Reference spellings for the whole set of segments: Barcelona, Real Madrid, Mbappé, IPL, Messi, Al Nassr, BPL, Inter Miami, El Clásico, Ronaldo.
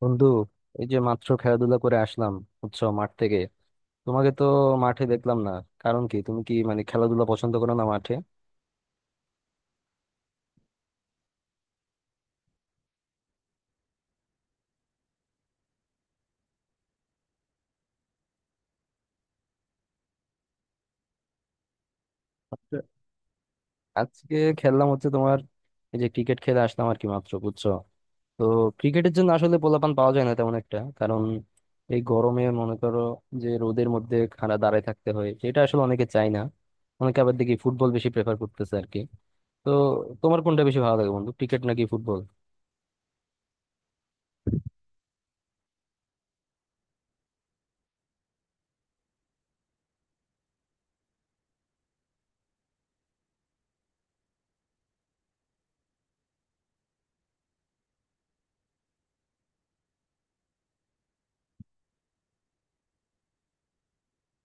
বন্ধু, এই যে মাত্র খেলাধুলা করে আসলাম, বুঝছো, মাঠ থেকে। তোমাকে তো মাঠে দেখলাম না, কারণ কি তুমি কি মানে খেলাধুলা পছন্দ করো না মাঠে? আচ্ছা, আজকে খেললাম হচ্ছে তোমার এই যে ক্রিকেট খেলে আসলাম আর কি মাত্র, বুঝছো। তো ক্রিকেটের জন্য আসলে পোলাপান পাওয়া যায় না তেমন একটা, কারণ এই গরমে মনে করো যে রোদের মধ্যে খাড়া দাঁড়ায় থাকতে হয়, এটা আসলে অনেকে চায় না। অনেকে আবার দেখি ফুটবল বেশি প্রেফার করতেছে আর কি। তো তোমার কোনটা বেশি ভালো লাগে, বন্ধু, ক্রিকেট নাকি ফুটবল?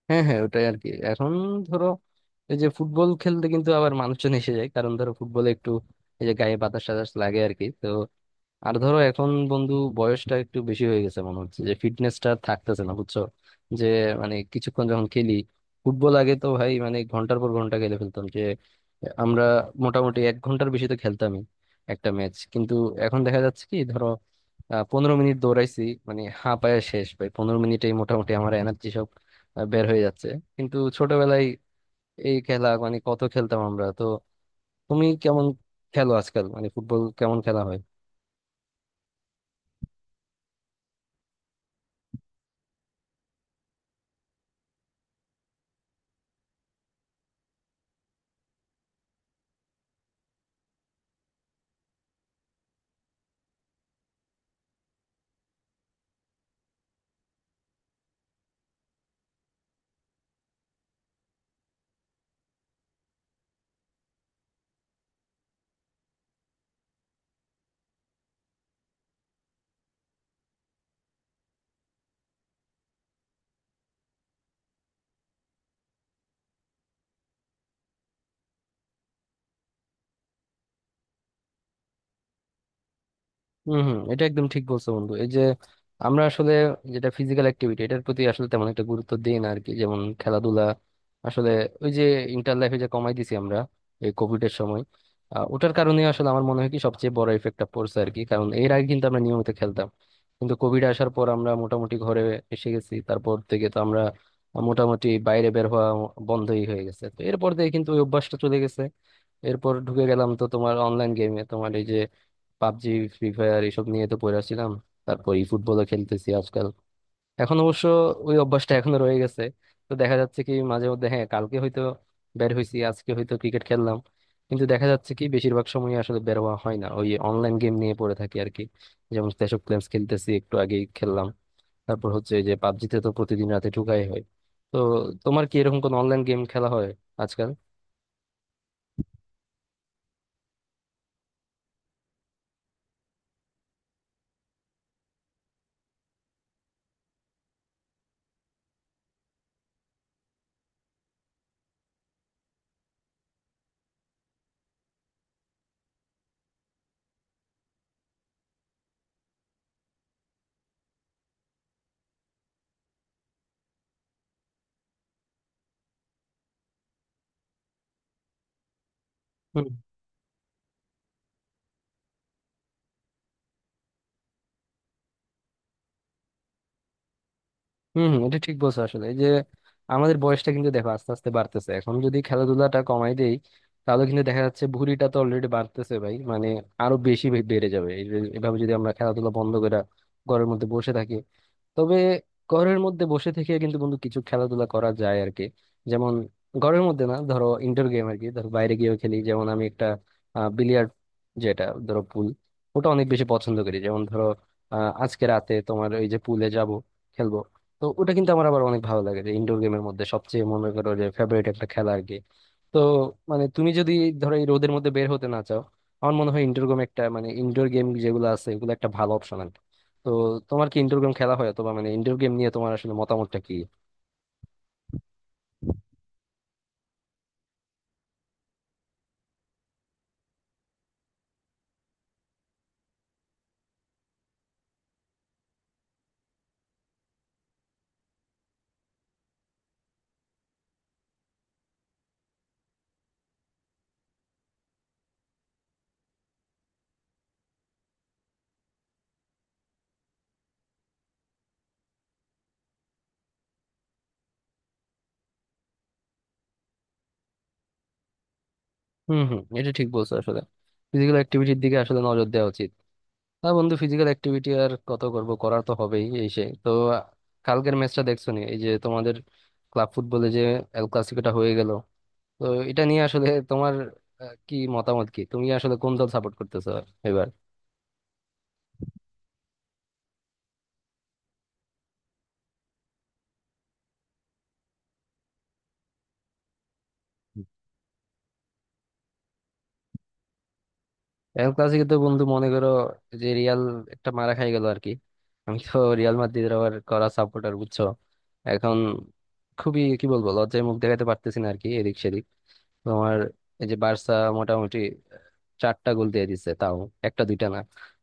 হ্যাঁ, হ্যাঁ, ওটাই আর কি এখন। ধরো এই যে ফুটবল খেলতে কিন্তু আবার মানুষজন এসে যায়, কারণ ধরো ফুটবলে একটু এই যে গায়ে বাতাস টাতাস লাগে আর কি। তো আর ধরো এখন বন্ধু বয়সটা একটু বেশি হয়ে গেছে, মনে হচ্ছে যে ফিটনেসটা থাকতেছে না, বুঝছো, যে মানে কিছুক্ষণ যখন খেলি ফুটবল, আগে তো ভাই মানে ঘন্টার পর ঘন্টা খেলে ফেলতাম যে আমরা, মোটামুটি এক ঘন্টার বেশি তো খেলতামই একটা ম্যাচ। কিন্তু এখন দেখা যাচ্ছে কি ধরো, 15 মিনিট দৌড়াইছি মানে হাঁপায়া শেষ, ভাই 15 মিনিটেই মোটামুটি আমার এনার্জি বের হয়ে যাচ্ছে। কিন্তু ছোটবেলায় এই খেলা মানে কত খেলতাম আমরা তো। তুমি কেমন খেলো আজকাল, মানে ফুটবল কেমন খেলা হয়? হম, হম, এটা একদম ঠিক বলছো বন্ধু। এই যে আমরা আসলে যেটা ফিজিক্যাল অ্যাক্টিভিটি, এটার প্রতি আসলে তেমন একটা গুরুত্ব দিই না আর কি, যেমন খেলাধুলা। আসলে ওই যে ইন্টার লাইফে যে কমাই দিছি আমরা এই কোভিড এর সময়, ওটার কারণে আসলে আমার মনে হয় কি সবচেয়ে বড় ইফেক্টটা পড়ছে আর কি, কারণ এর আগে কিন্তু আমরা নিয়মিত খেলতাম। কিন্তু কোভিড আসার পর আমরা মোটামুটি ঘরে এসে গেছি, তারপর থেকে তো আমরা মোটামুটি বাইরে বের হওয়া বন্ধই হয়ে গেছে। তো এরপর থেকে কিন্তু ওই অভ্যাসটা চলে গেছে। এরপর ঢুকে গেলাম তো তোমার অনলাইন গেমে, তোমার এই যে পাবজি, ফ্রি ফায়ার, এসব নিয়ে তো পড়ে ছিলাম। তারপর ই ফুটবলও খেলতেছি আজকাল। এখন অবশ্য ওই অভ্যাসটা এখনো রয়ে গেছে। তো দেখা যাচ্ছে কি মাঝে মধ্যে, হ্যাঁ, কালকে হয়তো বের হয়েছি, আজকে হয়তো ক্রিকেট খেললাম, কিন্তু দেখা যাচ্ছে কি বেশিরভাগ সময় আসলে বের হওয়া হয় না, ওই অনলাইন গেম নিয়ে পড়ে থাকি আর কি। যেমন ক্ল্যাশ অফ ক্ল্যান্স খেলতেছি, একটু আগেই খেললাম। তারপর হচ্ছে এই যে পাবজিতে তো প্রতিদিন রাতে ঢুকাই হয়। তো তোমার কি এরকম কোন অনলাইন গেম খেলা হয় আজকাল? হম, হম, এটা ঠিক বলছো আসলে। এই যে আমাদের বয়সটা কিন্তু দেখো আস্তে আস্তে বাড়তেছে, এখন যদি খেলাধুলাটা কমাই দেই, তাহলে কিন্তু দেখা যাচ্ছে ভুঁড়িটা তো অলরেডি বাড়তেছে, ভাই, মানে আরো বেশি বেড়ে যাবে। এভাবে যদি আমরা খেলাধুলা বন্ধ করে ঘরের মধ্যে বসে থাকি, তবে ঘরের মধ্যে বসে থেকে কিন্তু বন্ধু কিছু খেলাধুলা করা যায় আর কি। যেমন ঘরের মধ্যে না, ধরো ইনডোর গেম আর কি, ধরো বাইরে গিয়েও খেলি, যেমন আমি একটা বিলিয়ার্ড, যেটা ধরো পুল, ওটা অনেক বেশি পছন্দ করি। যেমন ধরো, আজকে রাতে তোমার ওই যে পুলে যাব, খেলবো। তো ওটা কিন্তু আমার আবার অনেক ভালো লাগে, যে ইনডোর গেমের মধ্যে সবচেয়ে মনে করো যে ফেভারিট একটা খেলা আর কি। তো মানে তুমি যদি ধরো এই রোদের মধ্যে বের হতে না চাও, আমার মনে হয় ইনডোর গেম একটা মানে ইনডোর গেম যেগুলো আছে ওগুলো একটা ভালো অপশন। তো তোমার কি ইনডোর গেম খেলা হয়, অথবা মানে ইনডোর গেম নিয়ে তোমার আসলে মতামতটা কি? হুম, হুম, এটা ঠিক বলছো আসলে। ফিজিক্যাল অ্যাক্টিভিটির দিকে আসলে নজর দেওয়া উচিত। হ্যাঁ বন্ধু, ফিজিক্যাল অ্যাক্টিভিটি আর কত করব, করার তো হবেই। এই সে তো, কালকের ম্যাচটা দেখছো নি, এই যে তোমাদের ক্লাব ফুটবলে যে এল ক্লাসিকোটা হয়ে গেল? তো এটা নিয়ে আসলে তোমার কি মতামত, কি তুমি আসলে কোন দল সাপোর্ট করতেছো এবার? এল ক্লাসিকো তো বন্ধু মনে করো যে রিয়াল একটা মারা খাই গেল আর কি। আমি তো রিয়াল মাদ্রিদের আবার করা সাপোর্টার, বুঝছো। এখন খুবই কি বলবো, লজ্জায় মুখ দেখাতে পারতেছি না আর কি এদিক সেদিক। তোমার এই যে বার্সা মোটামুটি চারটা গোল দিয়ে দিছে, তাও একটা দুইটা না।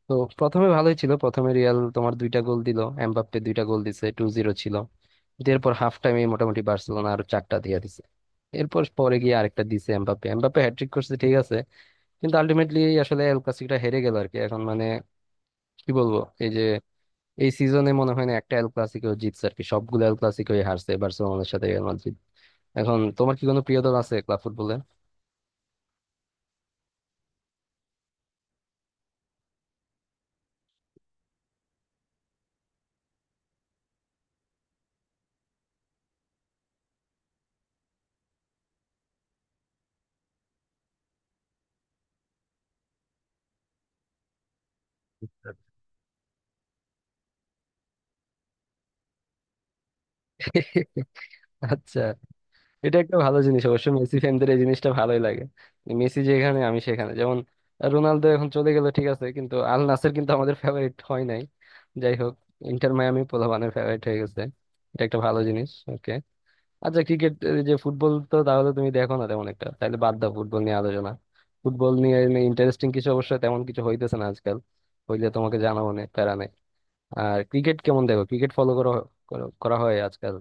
তো প্রথমে ভালোই ছিল, প্রথমে রিয়াল তোমার দুইটা গোল দিল, এমবাপ্পে দুইটা গোল দিছে, 2-0 ছিল। কিন্তু এরপর হাফ টাইমে মোটামুটি বার্সেলোনা আরো চারটা দিয়ে দিছে। এরপর পরে গিয়ে আরেকটা দিছে এমবাপ্পে, হ্যাটট্রিক করছে, ঠিক আছে। কিন্তু আলটিমেটলি আসলে এল ক্লাসিকটা হেরে গেল আর কি। এখন মানে কি বলবো, এই যে এই সিজনে মনে হয় না একটা এল ক্লাসিকও জিতছে আর কি, সবগুলো এল ক্লাসিকই হারছে বার্সেলোনার সাথে রিয়াল মাদ্রিদ। এখন তোমার কি কোনো প্রিয় দল আছে ক্লাব ফুটবলে? আচ্ছা, এটা একটা ভালো জিনিস অবশ্য, মেসি ফ্যানদের এই জিনিসটা ভালোই লাগে, মেসি যেখানে আমি সেখানে। যেমন রোনালদো এখন চলে গেল, ঠিক আছে, কিন্তু আল নাসের কিন্তু আমাদের ফেভারিট হয় নাই। যাই হোক, ইন্টার মায়ামি পোলাপানের ফেভারিট হয়ে গেছে, এটা একটা ভালো জিনিস, ওকে। আচ্ছা, ক্রিকেট, যে ফুটবল তো তাহলে তুমি দেখো না তেমন একটা, তাহলে বাদ দাও ফুটবল নিয়ে আলোচনা। ফুটবল নিয়ে ইন্টারেস্টিং কিছু অবশ্য তেমন কিছু হইতেছে না আজকাল, হইলে তোমাকে জানাবো নে, প্যারা নেই। আর ক্রিকেট কেমন দেখো, ক্রিকেট ফলো করা করা করা হয় আজকাল?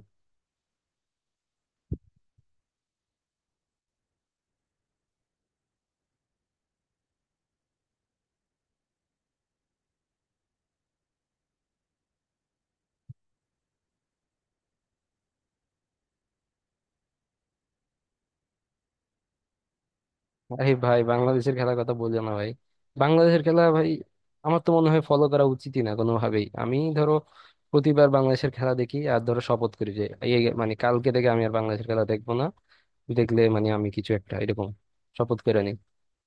আরে ভাই, বাংলাদেশের খেলার কথা বলছো না ভাই, বাংলাদেশের খেলা ভাই আমার তো মনে হয় ফলো করা উচিতই না কোনোভাবেই। আমি ধরো প্রতিবার বাংলাদেশের খেলা দেখি আর ধরো শপথ করি যে এই মানে কালকে থেকে আমি আর বাংলাদেশের খেলা দেখবো না, দেখলে মানে আমি কিছু একটা এরকম শপথ করে নিই।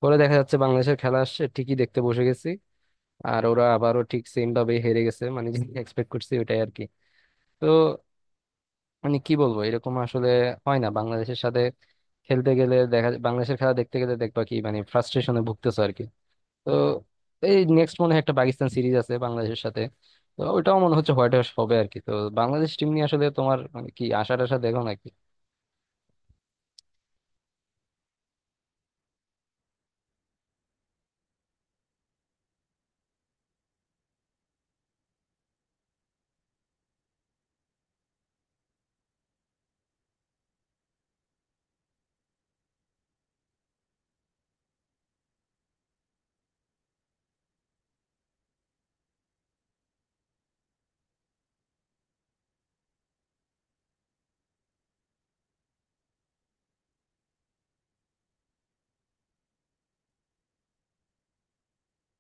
পরে দেখা যাচ্ছে বাংলাদেশের খেলা আসছে, ঠিকই দেখতে বসে গেছি, আর ওরা আবারও ঠিক সেম ভাবে হেরে গেছে, মানে যেটা এক্সপেক্ট করছি ওটাই আর কি। তো মানে কি বলবো, এরকম আসলে হয় না বাংলাদেশের সাথে। খেলতে গেলে দেখা যায়- বাংলাদেশের খেলা দেখতে গেলে দেখবা কি মানে ফ্রাস্ট্রেশনে ভুগতেছো আর কি। তো এই নেক্সট মনে হয় একটা পাকিস্তান সিরিজ আছে বাংলাদেশের সাথে, তো ওটাও মনে হচ্ছে হোয়াইট ওয়াশ হবে আর কি। তো বাংলাদেশ টিম নিয়ে আসলে তোমার মানে কি আশা টাশা দেখো না?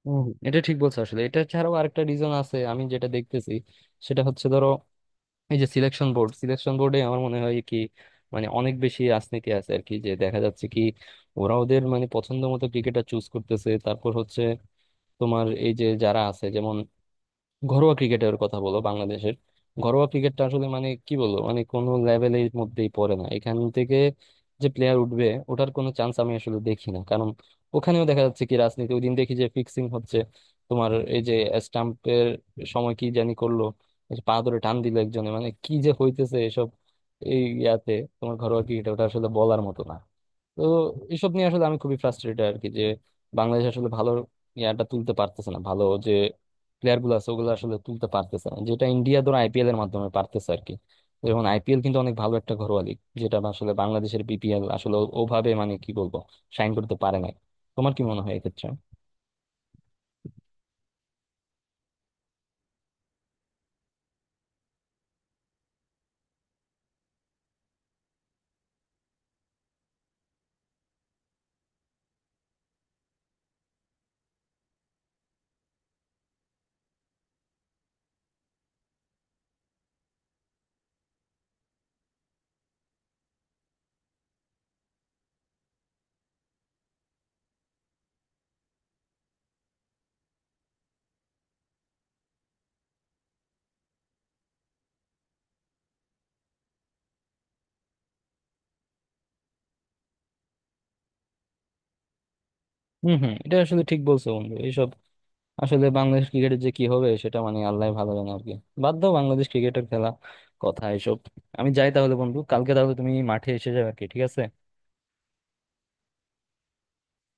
হম, এটা ঠিক বলছো আসলে। এটা ছাড়াও আরেকটা রিজন আছে আমি যেটা দেখতেছি, সেটা হচ্ছে ধরো এই যে সিলেকশন বোর্ড, সিলেকশন বোর্ডে আমার মনে হয় কি মানে অনেক বেশি রাজনীতি আছে আর কি, যে দেখা যাচ্ছে কি ওরা ওদের মানে পছন্দ মতো ক্রিকেটার চুজ করতেছে। তারপর হচ্ছে তোমার এই যে যারা আছে, যেমন ঘরোয়া ক্রিকেটের কথা বলো বাংলাদেশের, ঘরোয়া ক্রিকেটটা আসলে মানে কি বলবো, মানে কোনো লেভেলের মধ্যেই পড়ে না। এখান থেকে যে প্লেয়ার উঠবে ওটার কোনো চান্স আমি আসলে দেখি না, কারণ ওখানেও দেখা যাচ্ছে কি রাজনীতি। ওই দিন দেখি যে ফিক্সিং হচ্ছে, তোমার এই যে স্টাম্পের সময় কি জানি করলো, এই যে পা ধরে টান দিল একজনে, মানে কি যে হইতেছে এসব এই ইয়াতে, তোমার ঘরোয়া ক্রিকেট ওটা আসলে বলার মতো না। তো এসব নিয়ে আসলে আমি খুবই ফ্রাস্ট্রেটেড আর কি, যে বাংলাদেশ আসলে ভালো ইয়াটা তুলতে পারতেছে না, ভালো প্লেয়ার গুলো আছে ওগুলো আসলে তুলতে পারতেছে না, যেটা ইন্ডিয়া ধরো আইপিএল এর মাধ্যমে পারতেছে আর কি। যেমন আইপিএল কিন্তু অনেক ভালো একটা ঘরোয়া লিগ, যেটা আসলে বাংলাদেশের বিপিএল আসলে ওভাবে মানে কি বলবো শাইন করতে পারে না। তোমার কি মনে হয় এক্ষেত্রে? হম, হম, এটা আসলে ঠিক বলছো বন্ধু। এইসব আসলে বাংলাদেশ ক্রিকেটের যে কি হবে সেটা মানে আল্লাহ ভালো জানে আর কি। বাদ দাও বাংলাদেশ ক্রিকেটের খেলা, কথা, এসব। আমি যাই তাহলে বন্ধু, কালকে তাহলে তুমি মাঠে এসে যাবে আর কি, ঠিক আছে।